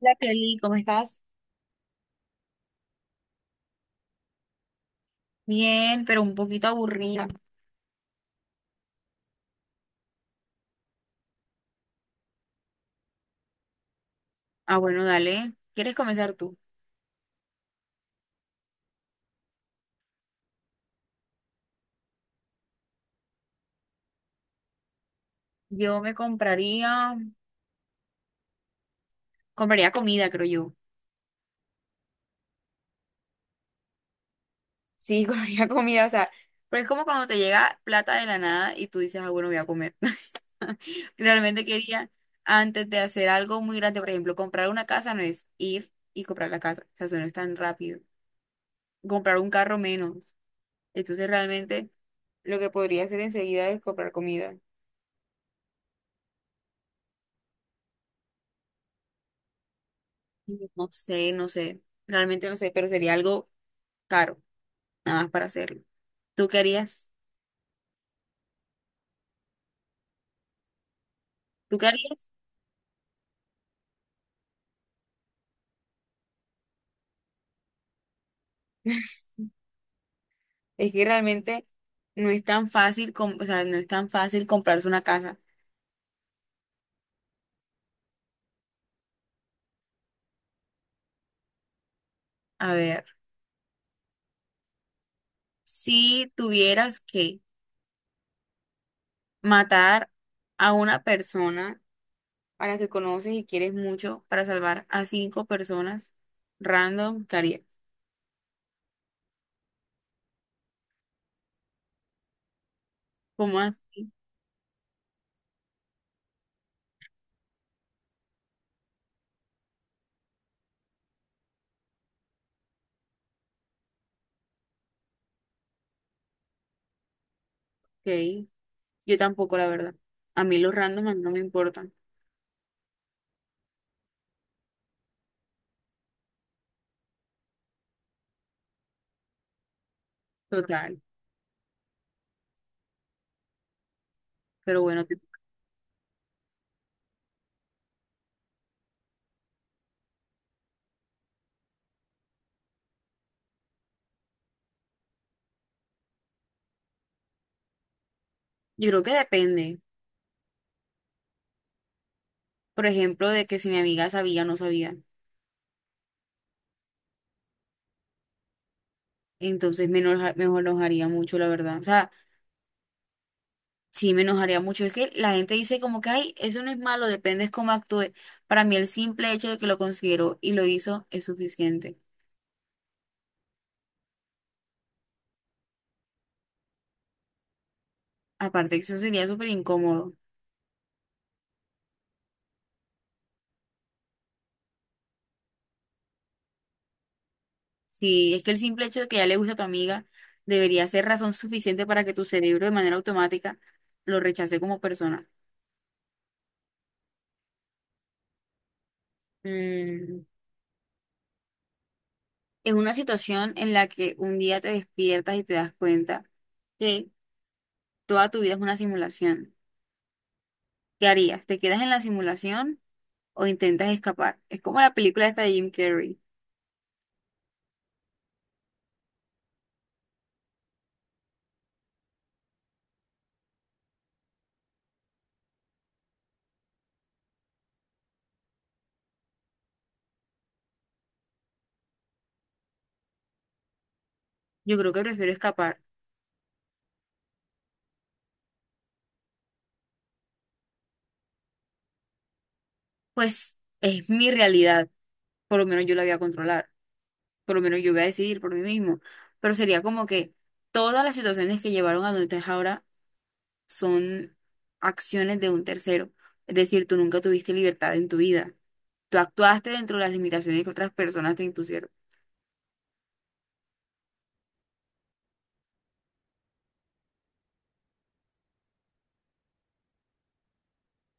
Hola Kelly, ¿cómo estás? Bien, pero un poquito aburrida. Ah, bueno, dale. ¿Quieres comenzar tú? Yo me compraría comida, creo yo. Sí, compraría comida, o sea, pero es como cuando te llega plata de la nada y tú dices, ah, bueno, voy a comer. Realmente quería, antes de hacer algo muy grande, por ejemplo, comprar una casa no es ir y comprar la casa, o sea, eso no es tan rápido. Comprar un carro menos. Entonces, realmente, lo que podría hacer enseguida es comprar comida. No sé, no sé, realmente no sé, pero sería algo caro, nada más para hacerlo. ¿Tú qué harías? ¿Tú qué harías? Es que realmente no es tan fácil, com- o sea, no es tan fácil comprarse una casa. A ver, si tuvieras que matar a una persona a la que conoces y quieres mucho para salvar a cinco personas random, ¿qué harías? ¿Cómo así? Ok, yo tampoco, la verdad. A mí los random no me importan. Total. Pero bueno, yo creo que depende, por ejemplo, de que si mi amiga sabía o no sabía. Entonces me enojaría mucho, la verdad. O sea, sí me enojaría mucho. Es que la gente dice como que, ay, eso no es malo, depende es cómo actúe. Para mí el simple hecho de que lo considero y lo hizo es suficiente. Aparte que eso sería súper incómodo. Sí, es que el simple hecho de que ya le gusta a tu amiga debería ser razón suficiente para que tu cerebro de manera automática lo rechace como persona. Mm, Es una situación en la que un día te despiertas y te das cuenta que toda tu vida es una simulación. ¿Qué harías? ¿Te quedas en la simulación o intentas escapar? Es como la película esta de Jim Carrey. Yo creo que prefiero escapar. Pues es mi realidad. Por lo menos yo la voy a controlar. Por lo menos yo voy a decidir por mí mismo. Pero sería como que todas las situaciones que llevaron a donde estás ahora son acciones de un tercero. Es decir, tú nunca tuviste libertad en tu vida. Tú actuaste dentro de las limitaciones que otras personas te impusieron.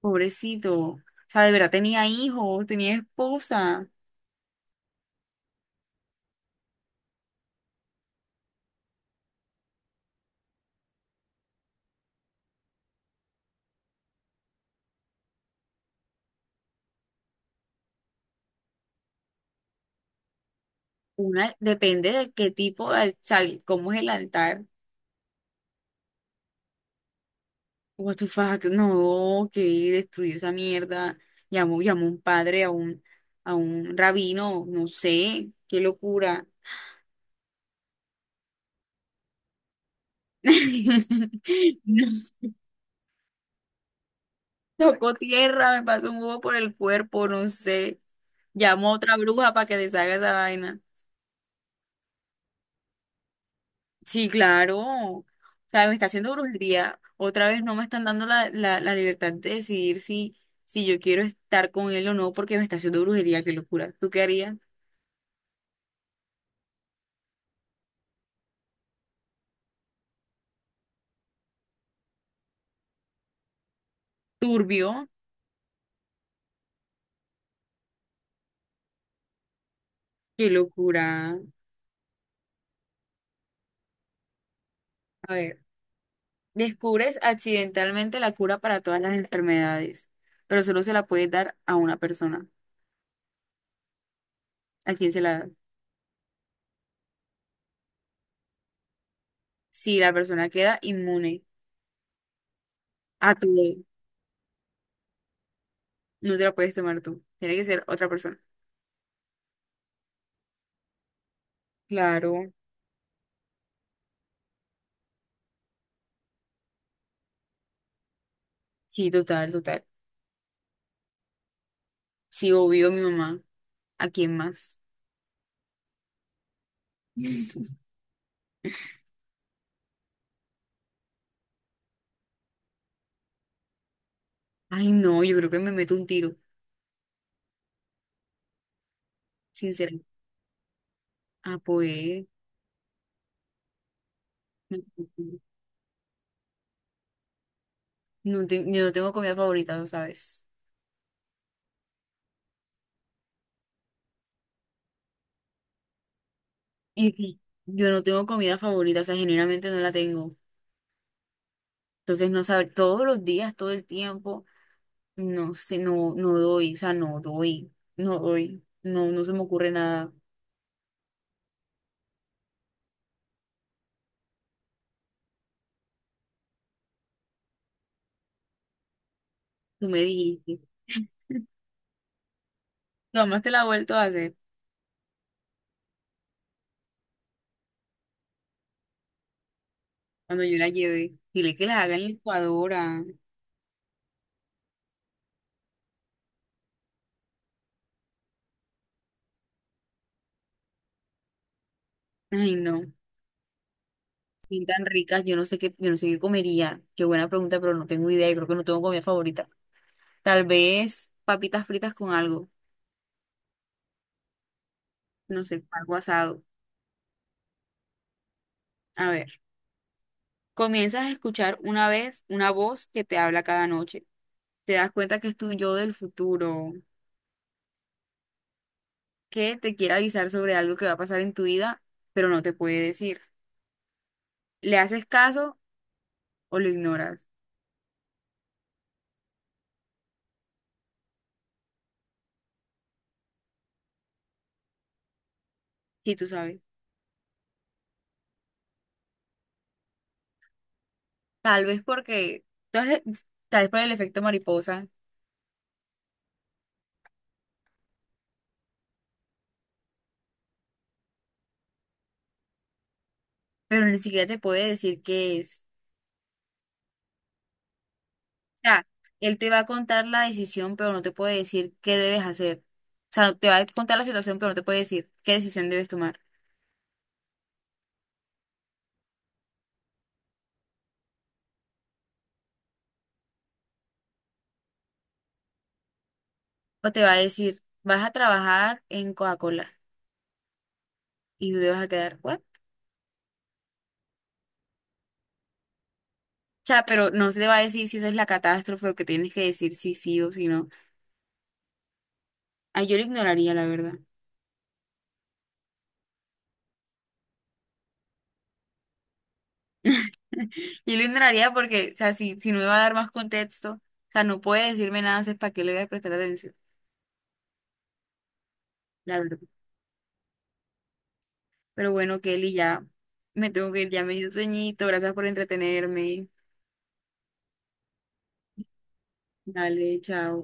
Pobrecito. O sea, de verdad tenía hijos, tenía esposa. Una, depende de qué tipo, de al- o sea, cómo es el altar. What the fuck, no, que destruyó esa mierda. Llamó un padre a un rabino, no sé, qué locura. No, tocó tierra, me pasó un huevo por el cuerpo, no sé. Llamó a otra bruja para que deshaga esa vaina. Sí, claro. O sea, me está haciendo brujería. Otra vez no me están dando la libertad de decidir si yo quiero estar con él o no porque me está haciendo brujería. Qué locura. ¿Tú qué harías? Turbio. Qué locura. A ver, descubres accidentalmente la cura para todas las enfermedades, pero solo se la puedes dar a una persona. ¿A quién se la das? Si la persona queda inmune a tu ley, no te la puedes tomar tú. Tiene que ser otra persona. Claro. Sí, total, total. Sí, obvio, mi mamá. ¿A quién más? Ay, no, yo creo que me meto un tiro, sinceramente. Ah, pues. No, no te- yo no tengo comida favorita, lo sabes. Y sí, yo no tengo comida favorita, o sea, generalmente no la tengo. Entonces, no saber todos los días, todo el tiempo, no sé, no, no doy, o sea, no doy, no doy, no, no se me ocurre nada. Tú me dijiste. Lo más te la he vuelto a hacer cuando yo la llevé. Dile que la haga en la licuadora. Ay, no. Bien tan ricas, yo no sé qué, yo no sé qué comería. Qué buena pregunta, pero no tengo idea. Y creo que no tengo comida favorita. Tal vez papitas fritas con algo, no sé, algo asado. A ver, comienzas a escuchar una vez una voz que te habla cada noche. Te das cuenta que es tu yo del futuro, que te quiere avisar sobre algo que va a pasar en tu vida, pero no te puede decir. ¿Le haces caso o lo ignoras? Si tú sabes. Tal vez porque, tal vez tal vez por el efecto mariposa, pero ni siquiera te puede decir qué es. Sea, él te va a contar la decisión, pero no te puede decir qué debes hacer. O sea, te va a contar la situación, pero no te puede decir qué decisión debes tomar. O te va a decir, vas a trabajar en Coca-Cola y tú te vas a quedar, ¿what? O sea, pero no se te va a decir si eso es la catástrofe o que tienes que decir si sí o si no. Ay, yo lo ignoraría, la verdad. Yo lo ignoraría porque, o sea, si no me va a dar más contexto, o sea, no puede decirme nada, es para qué le voy a prestar atención, la verdad. Pero bueno, Kelly, ya me tengo que ir, ya me dio sueñito, gracias por entretenerme. Dale, chao.